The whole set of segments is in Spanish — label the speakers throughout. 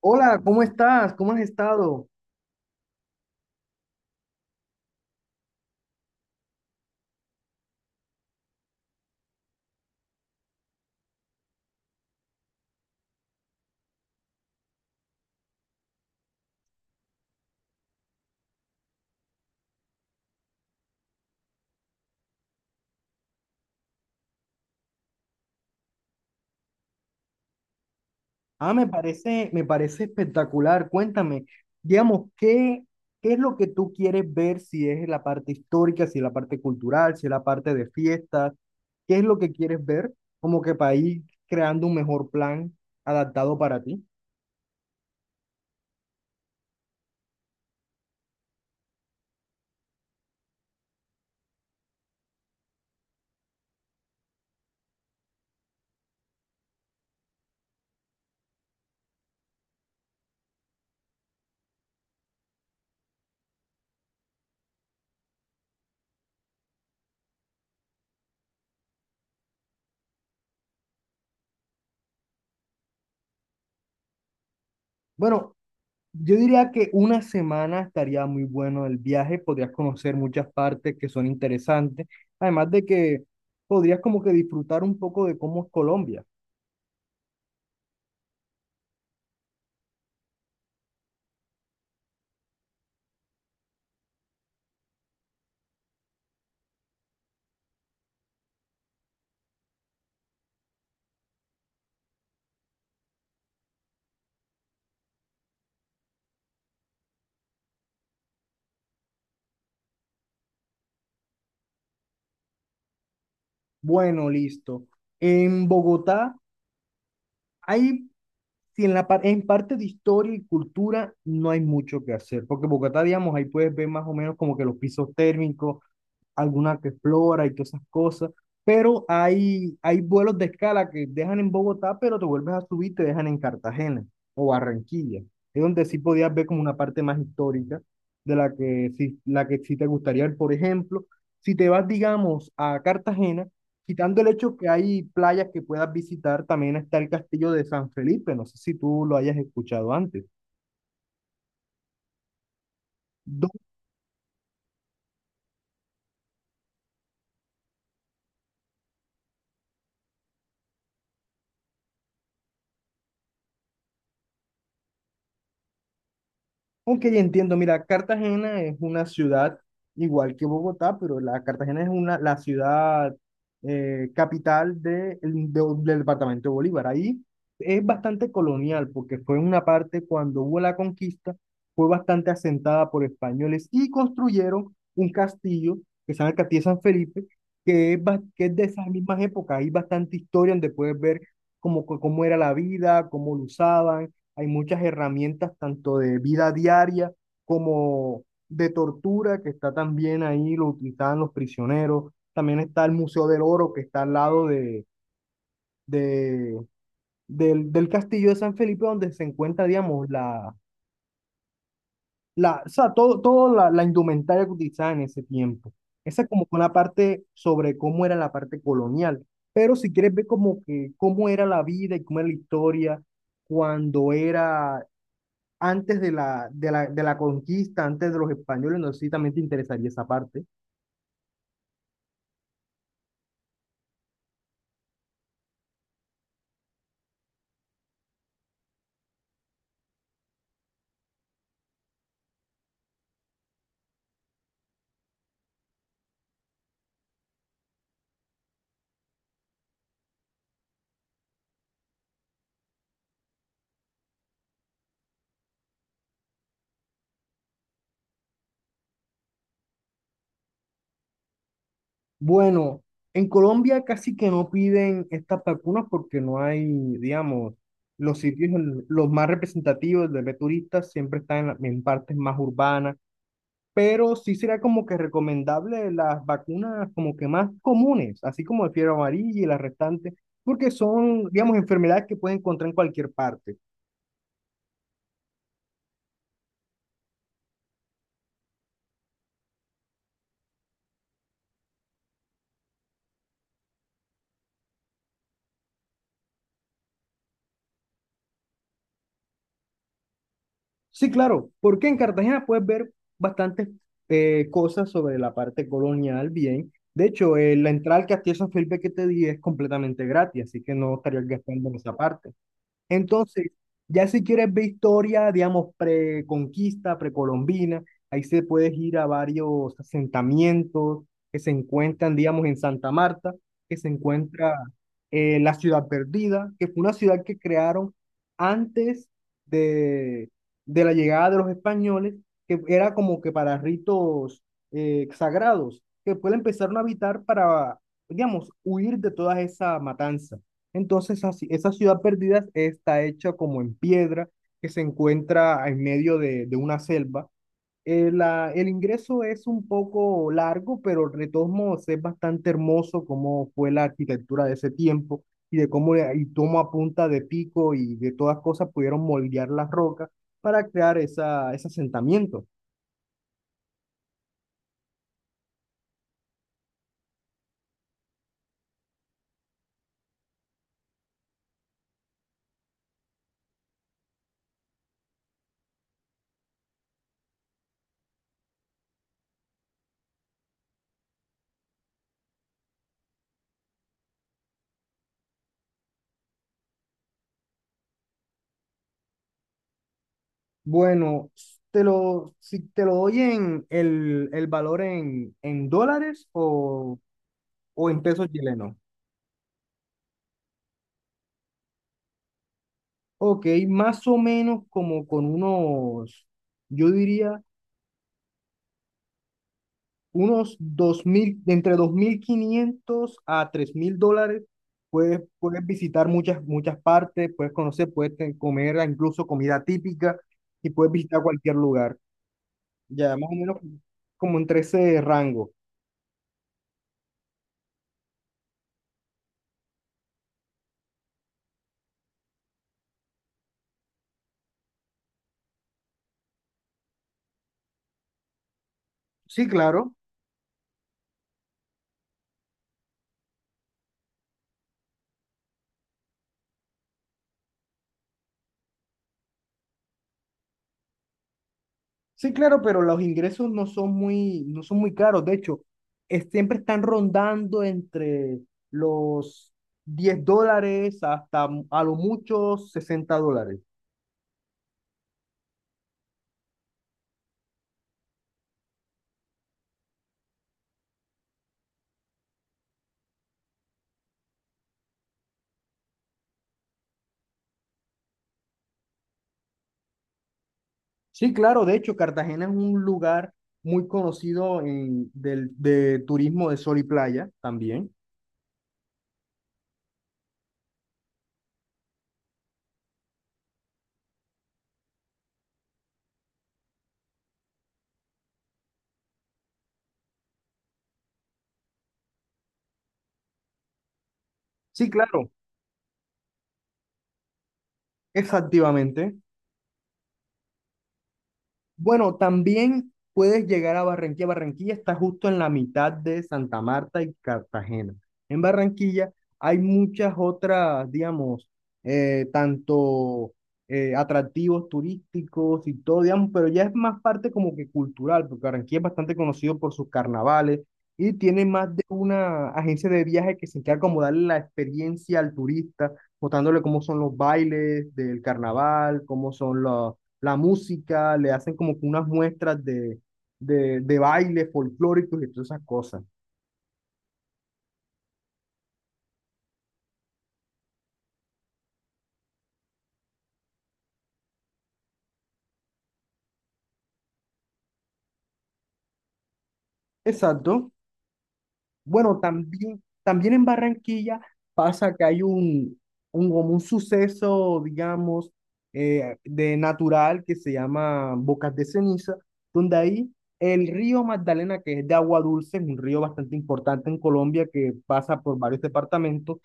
Speaker 1: Hola, ¿cómo estás? ¿Cómo has estado? Ah, me parece espectacular. Cuéntame, digamos, ¿qué es lo que tú quieres ver? Si es la parte histórica, si es la parte cultural, si es la parte de fiestas, ¿qué es lo que quieres ver? Como que para ir creando un mejor plan adaptado para ti. Bueno, yo diría que una semana estaría muy bueno el viaje, podrías conocer muchas partes que son interesantes, además de que podrías como que disfrutar un poco de cómo es Colombia. Bueno, listo. En Bogotá hay, si en parte de historia y cultura no hay mucho que hacer, porque Bogotá, digamos, ahí puedes ver más o menos como que los pisos térmicos, alguna que explora y todas esas cosas, pero hay vuelos de escala que dejan en Bogotá, pero te vuelves a subir y te dejan en Cartagena o Barranquilla. Es donde sí podías ver como una parte más histórica de la que sí te gustaría ver. Por ejemplo, si te vas, digamos, a Cartagena, quitando el hecho que hay playas que puedas visitar, también está el Castillo de San Felipe, no sé si tú lo hayas escuchado antes. Ok, entiendo. Mira, Cartagena es una ciudad igual que Bogotá, pero la Cartagena es la ciudad, capital del departamento de Bolívar. Ahí es bastante colonial, porque fue una parte cuando hubo la conquista, fue bastante asentada por españoles y construyeron un castillo que se llama el Castillo de San Felipe, que es de esas mismas épocas. Hay bastante historia donde puedes ver cómo era la vida, cómo lo usaban. Hay muchas herramientas, tanto de vida diaria como de tortura, que está también ahí, lo utilizaban los prisioneros. También está el Museo del Oro, que está al lado de- del Castillo de San Felipe, donde se encuentra, digamos, o sea, todo la indumentaria que utilizaban en ese tiempo. Esa es como una parte sobre cómo era la parte colonial. Pero si quieres ver como que cómo era la vida y cómo era la historia cuando era antes de la conquista, antes de los españoles, no sé si también te interesaría esa parte. Bueno, en Colombia casi que no piden estas vacunas porque no hay, digamos, los sitios, los más representativos de turistas siempre están en partes más urbanas, pero sí será como que recomendable las vacunas como que más comunes, así como el fiebre amarilla y las restantes, porque son, digamos, enfermedades que pueden encontrar en cualquier parte. Sí, claro, porque en Cartagena puedes ver bastantes cosas sobre la parte colonial, bien. De hecho, la entrada al Castillo San Felipe que te di es completamente gratis, así que no estarías gastando en esa parte. Entonces, ya si quieres ver historia, digamos, preconquista, precolombina, ahí se puedes ir a varios asentamientos que se encuentran, digamos, en Santa Marta, que se encuentra la ciudad perdida, que fue una ciudad que crearon antes de, de la llegada de los españoles, que era como que para ritos sagrados, que después la empezaron a habitar para, digamos, huir de todas esa matanza. Entonces, esa ciudad perdida está hecha como en piedra, que se encuentra en medio de una selva. El ingreso es un poco largo, pero de todos modos es bastante hermoso cómo fue la arquitectura de ese tiempo y de cómo, le- y cómo a punta de pico y de todas cosas pudieron moldear las rocas para crear ese asentamiento. Bueno, si te lo doy en el valor en dólares o en pesos chilenos. Ok, más o menos como con unos, yo diría, unos 2.000, de entre 2.500 a $3.000, puedes visitar muchas partes, puedes conocer, comer incluso comida típica y puedes visitar cualquier lugar. Ya, más o menos como entre ese rango. Sí, claro. Sí, claro, pero los ingresos no son muy caros. De hecho, siempre están rondando entre los $10 hasta a lo mucho $60. Sí, claro, de hecho, Cartagena es un lugar muy conocido de turismo de sol y playa también. Sí, claro, exactamente. Bueno, también puedes llegar a Barranquilla. Barranquilla está justo en la mitad de Santa Marta y Cartagena. En Barranquilla hay muchas otras, digamos, tanto atractivos turísticos y todo, digamos, pero ya es más parte como que cultural, porque Barranquilla es bastante conocido por sus carnavales y tiene más de una agencia de viaje que se encarga como darle la experiencia al turista, mostrándole cómo son los bailes del carnaval, cómo son los la música, le hacen como que unas muestras de baile folclóricos y todas esas cosas. Exacto. Bueno, también en Barranquilla pasa que hay como un suceso, digamos, de natural que se llama Bocas de Ceniza, donde ahí el río Magdalena, que es de agua dulce, es un río bastante importante en Colombia que pasa por varios departamentos,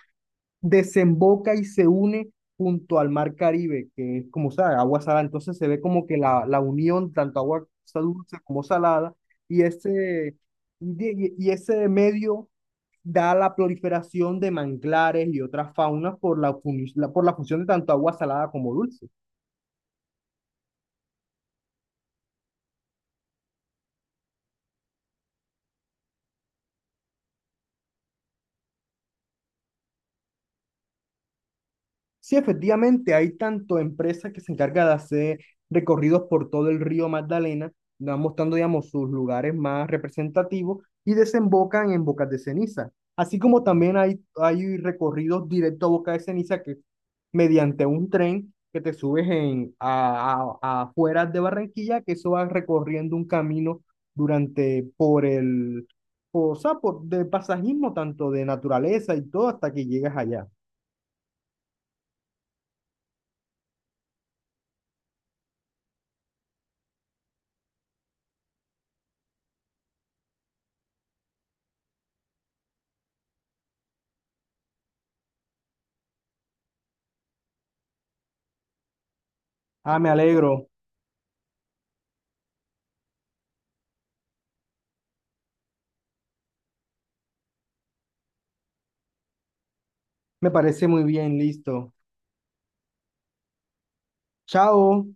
Speaker 1: desemboca y se une junto al mar Caribe, que es como, sabe, agua salada. Entonces se ve como que la unión, tanto agua dulce como salada, y ese medio da la proliferación de manglares y otras faunas por la función de tanto agua salada como dulce. Sí, efectivamente, hay tanto empresas que se encargan de hacer recorridos por todo el río Magdalena, van mostrando, digamos, sus lugares más representativos y desembocan en Bocas de Ceniza. Así como también hay recorridos directo a Bocas de Ceniza que mediante un tren que te subes a afueras de Barranquilla, que eso va recorriendo un camino durante, por el, o sea, por, de pasajismo, tanto de naturaleza y todo, hasta que llegas allá. Ah, me alegro. Me parece muy bien, listo. Chao.